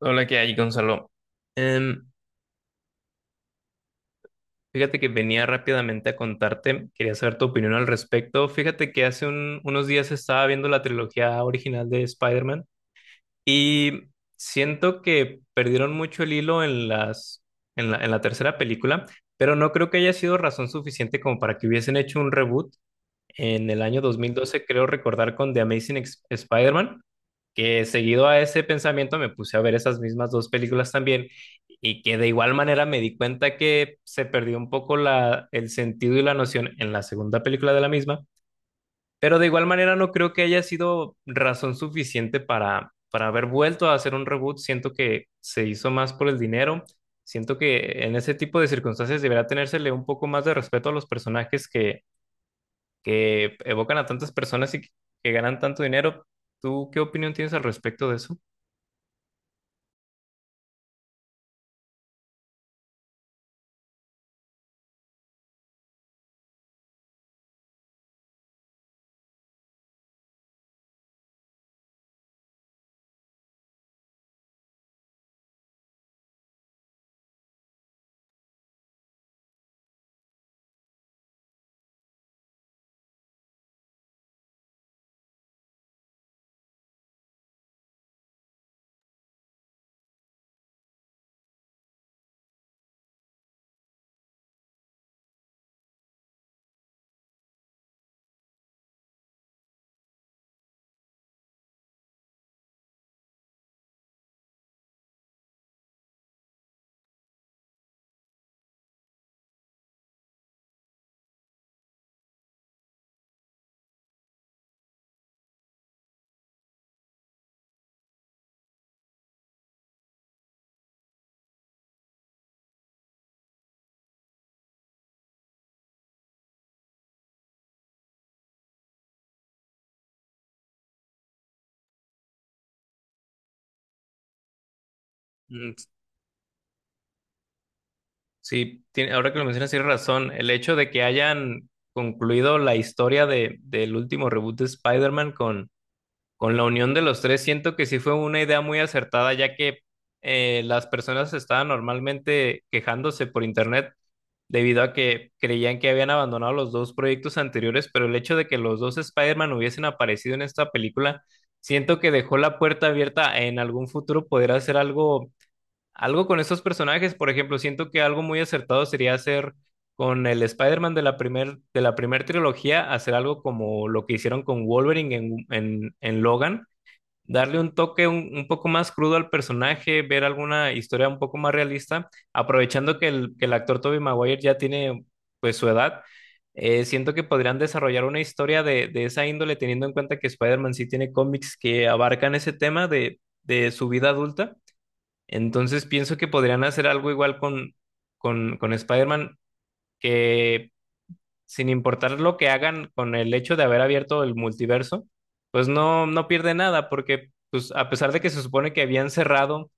Hola, ¿qué hay, Gonzalo? Em, fíjate que venía rápidamente a contarte, quería saber tu opinión al respecto. Fíjate que hace unos días estaba viendo la trilogía original de Spider-Man y siento que perdieron mucho el hilo en en la tercera película, pero no creo que haya sido razón suficiente como para que hubiesen hecho un reboot en el año dos mil doce. Creo recordar con The Amazing Spider-Man, que seguido a ese pensamiento me puse a ver esas mismas dos películas también y que de igual manera me di cuenta que se perdió un poco el sentido y la noción en la segunda película de la misma, pero de igual manera no creo que haya sido razón suficiente para haber vuelto a hacer un reboot. Siento que se hizo más por el dinero. Siento que en ese tipo de circunstancias deberá tenérsele un poco más de respeto a los personajes que evocan a tantas personas y que ganan tanto dinero. ¿Tú qué opinión tienes al respecto de eso? Mm, sí, tiene- ahora que lo mencionas, tienes razón. El hecho de que hayan concluido la historia del último reboot de Spider-Man con la unión de los tres, siento que sí fue una idea muy acertada, ya que las personas estaban normalmente quejándose por internet debido a que creían que habían abandonado los dos proyectos anteriores, pero el hecho de que los dos Spider-Man hubiesen aparecido en esta película, siento que dejó la puerta abierta a en algún futuro poder hacer algo. Algo con estos personajes, por ejemplo, siento que algo muy acertado sería hacer con el Spider-Man de de la primer trilogía, hacer algo como lo que hicieron con Wolverine en Logan, darle un toque un poco más crudo al personaje, ver alguna historia un poco más realista, aprovechando que que el actor Tobey Maguire ya tiene pues su edad. Siento que podrían desarrollar una historia de esa índole, teniendo en cuenta que Spider-Man sí tiene cómics que abarcan ese tema de su vida adulta. Entonces pienso que podrían hacer algo igual con Spider-Man, que sin importar lo que hagan con el hecho de haber abierto el multiverso, pues no pierde nada, porque pues, a pesar de que se supone que habían cerrado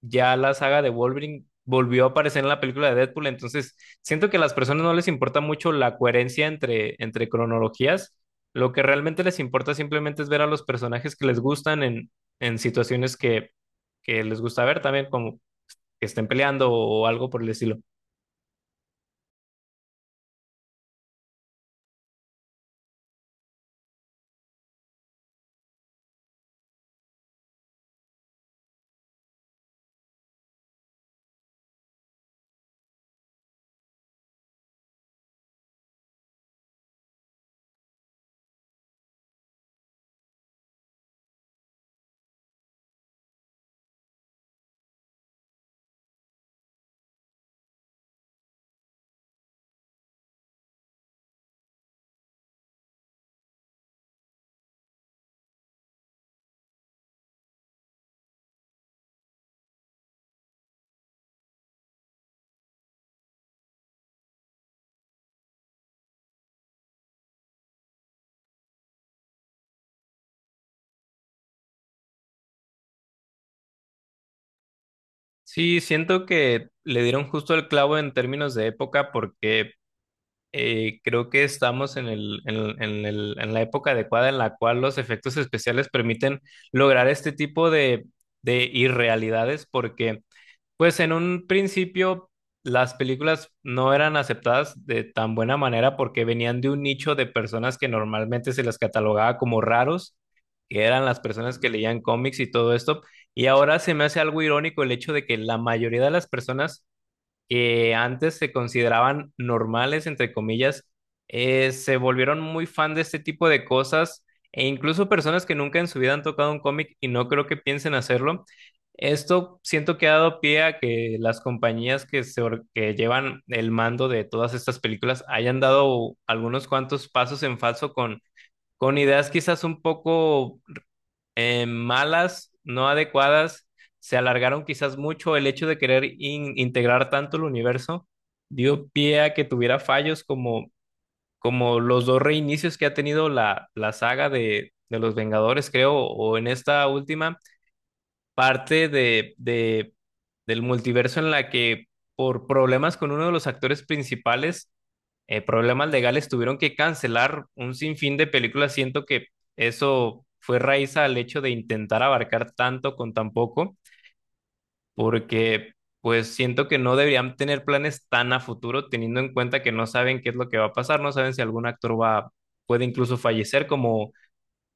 ya la saga de Wolverine, volvió a aparecer en la película de Deadpool, entonces siento que a las personas no les importa mucho la coherencia entre cronologías, lo que realmente les importa simplemente es ver a los personajes que les gustan en situaciones que les gusta ver también, como que estén peleando o algo por el estilo. Sí, siento que le dieron justo el clavo en términos de época porque creo que estamos en en en la época adecuada en la cual los efectos especiales permiten lograr este tipo de irrealidades porque pues en un principio las películas no eran aceptadas de tan buena manera porque venían de un nicho de personas que normalmente se las catalogaba como raros, que eran las personas que leían cómics y todo esto. Y ahora se me hace algo irónico el hecho de que la mayoría de las personas que antes se consideraban normales, entre comillas, se volvieron muy fan de este tipo de cosas e incluso personas que nunca en su vida han tocado un cómic y no creo que piensen hacerlo. Esto siento que ha dado pie a que las compañías que llevan el mando de todas estas películas hayan dado algunos cuantos pasos en falso con ideas quizás un poco malas, no adecuadas, se alargaron quizás mucho. El hecho de querer integrar tanto el universo dio pie a que tuviera fallos como los dos reinicios que ha tenido la saga de los Vengadores, creo, o en esta última parte del multiverso en la que por problemas con uno de los actores principales, problemas legales, tuvieron que cancelar un sinfín de películas. Siento que eso fue raíz al hecho de intentar abarcar tanto con tan poco, porque pues siento que no deberían tener planes tan a futuro, teniendo en cuenta que no saben qué es lo que va a pasar, no saben si algún actor puede incluso fallecer, como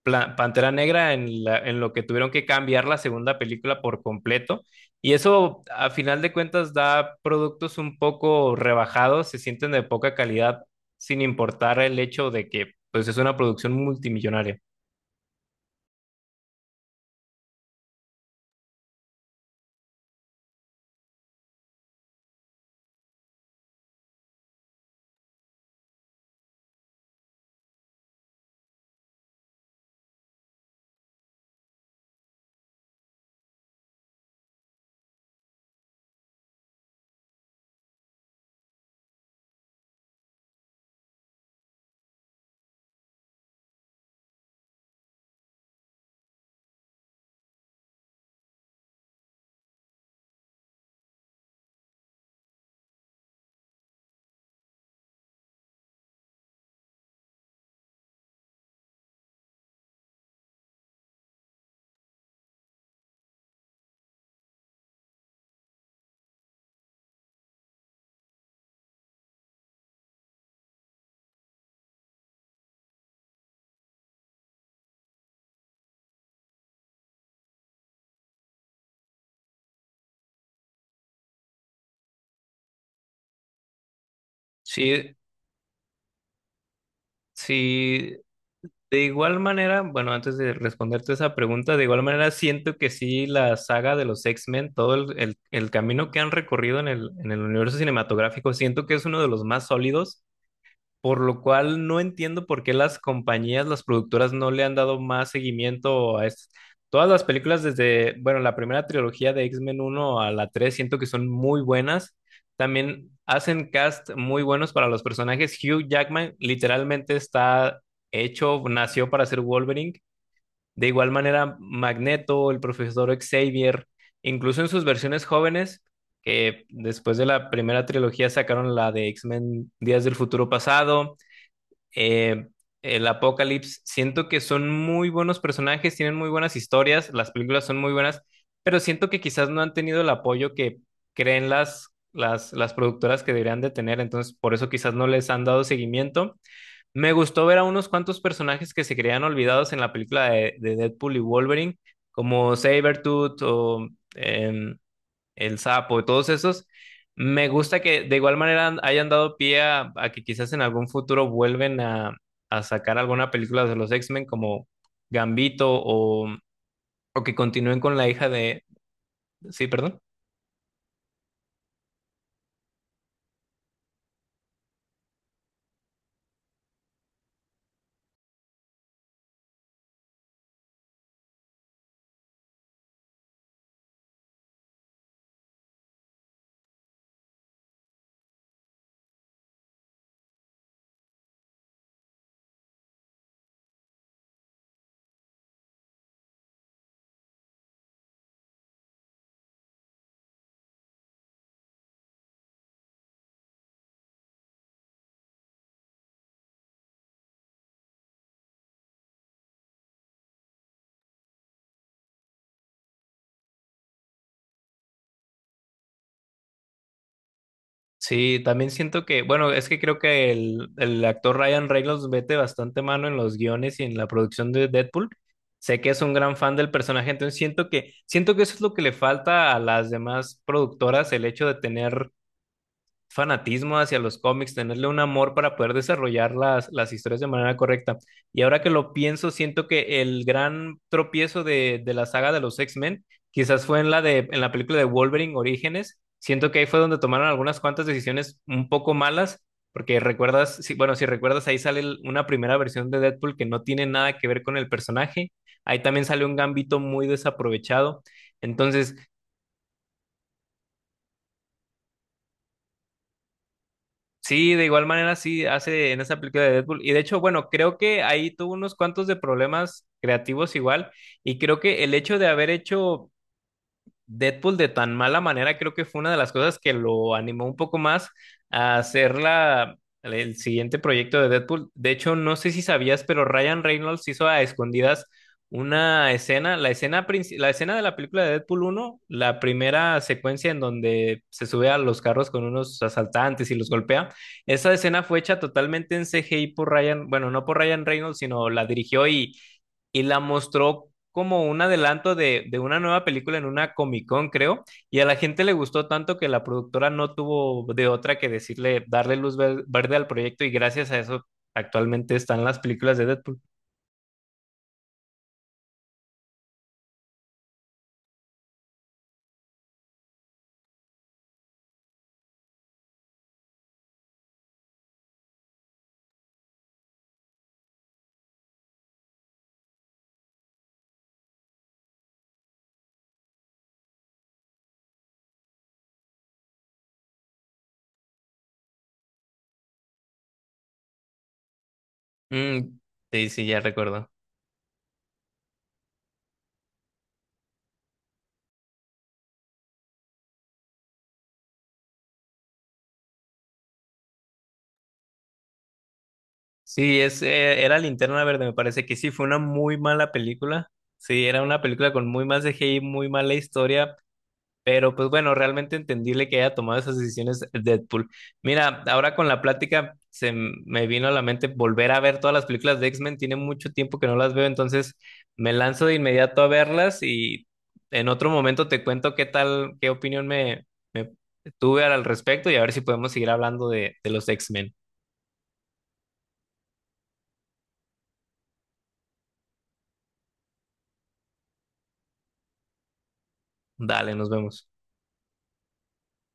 Pantera Negra en lo que tuvieron que cambiar la segunda película por completo. Y eso, a final de cuentas, da productos un poco rebajados, se sienten de poca calidad, sin importar el hecho de que, pues, es una producción multimillonaria. Sí, sí, de igual manera, bueno, antes de responderte esa pregunta, de igual manera siento que sí, la saga de los X-Men, todo el camino que han recorrido en en el universo cinematográfico, siento que es uno de los más sólidos, por lo cual no entiendo por qué las compañías, las productoras no le han dado más seguimiento a es- Todas las películas desde, bueno, la primera trilogía de X-Men uno a la 3 siento que son muy buenas. También hacen cast muy buenos para los personajes. Hugh Jackman literalmente está hecho, nació para ser Wolverine. De igual manera, Magneto, el profesor Xavier, incluso en sus versiones jóvenes, que después de la primera trilogía sacaron la de X-Men Días del Futuro Pasado, eh, el Apocalipsis, siento que son muy buenos personajes, tienen muy buenas historias, las películas son muy buenas, pero siento que quizás no han tenido el apoyo que creen las productoras que deberían de tener, entonces por eso quizás no les han dado seguimiento. Me gustó ver a unos cuantos personajes que se creían olvidados en la película de Deadpool y Wolverine, como Sabretooth o... em, el Sapo, todos esos. Me gusta que de igual manera hayan dado pie a que quizás en algún futuro vuelven a sacar alguna película de los X-Men como Gambito o que continúen con la hija de... Sí, perdón. Sí, también siento que, bueno, es que creo que el actor Ryan Reynolds mete bastante mano en los guiones y en la producción de Deadpool. Sé que es un gran fan del personaje, entonces siento que eso es lo que le falta a las demás productoras, el hecho de tener fanatismo hacia los cómics, tenerle un amor para poder desarrollar las historias de manera correcta. Y ahora que lo pienso, siento que el gran tropiezo de la saga de los X-Men quizás fue en en la película de Wolverine Orígenes. Siento que ahí fue donde tomaron algunas cuantas decisiones un poco malas, porque recuerdas, si, bueno, si recuerdas, ahí sale una primera versión de Deadpool que no tiene nada que ver con el personaje. Ahí también sale un gambito muy desaprovechado. Entonces, sí, de igual manera sí hace en esa película de Deadpool. Y de hecho, bueno, creo que ahí tuvo unos cuantos de problemas creativos igual. Y creo que el hecho de haber hecho Deadpool de tan mala manera creo que fue una de las cosas que lo animó un poco más a hacer el siguiente proyecto de Deadpool. De hecho, no sé si sabías, pero Ryan Reynolds hizo a escondidas una escena, la escena de la película de Deadpool uno, la primera secuencia en donde se sube a los carros con unos asaltantes y los golpea. Esa escena fue hecha totalmente en CGI por Ryan, bueno, no por Ryan Reynolds, sino la dirigió y la mostró como un adelanto de una nueva película en una Comic Con, creo, y a la gente le gustó tanto que la productora no tuvo de otra que decirle, darle luz verde al proyecto, y gracias a eso actualmente están las películas de Deadpool. Mm, sí, sí, ya recuerdo. Sí, es, era Linterna Verde, me parece que sí, fue una muy mala película. Sí, era una película con muy más CGI, muy mala historia, pero pues bueno, realmente entendible que haya tomado esas decisiones Deadpool. Mira, ahora con la plática se me vino a la mente volver a ver todas las películas de X-Men. Tiene mucho tiempo que no las veo, entonces me lanzo de inmediato a verlas y en otro momento te cuento qué tal, qué opinión me tuve al respecto y a ver si podemos seguir hablando de los X-Men. Dale, nos vemos.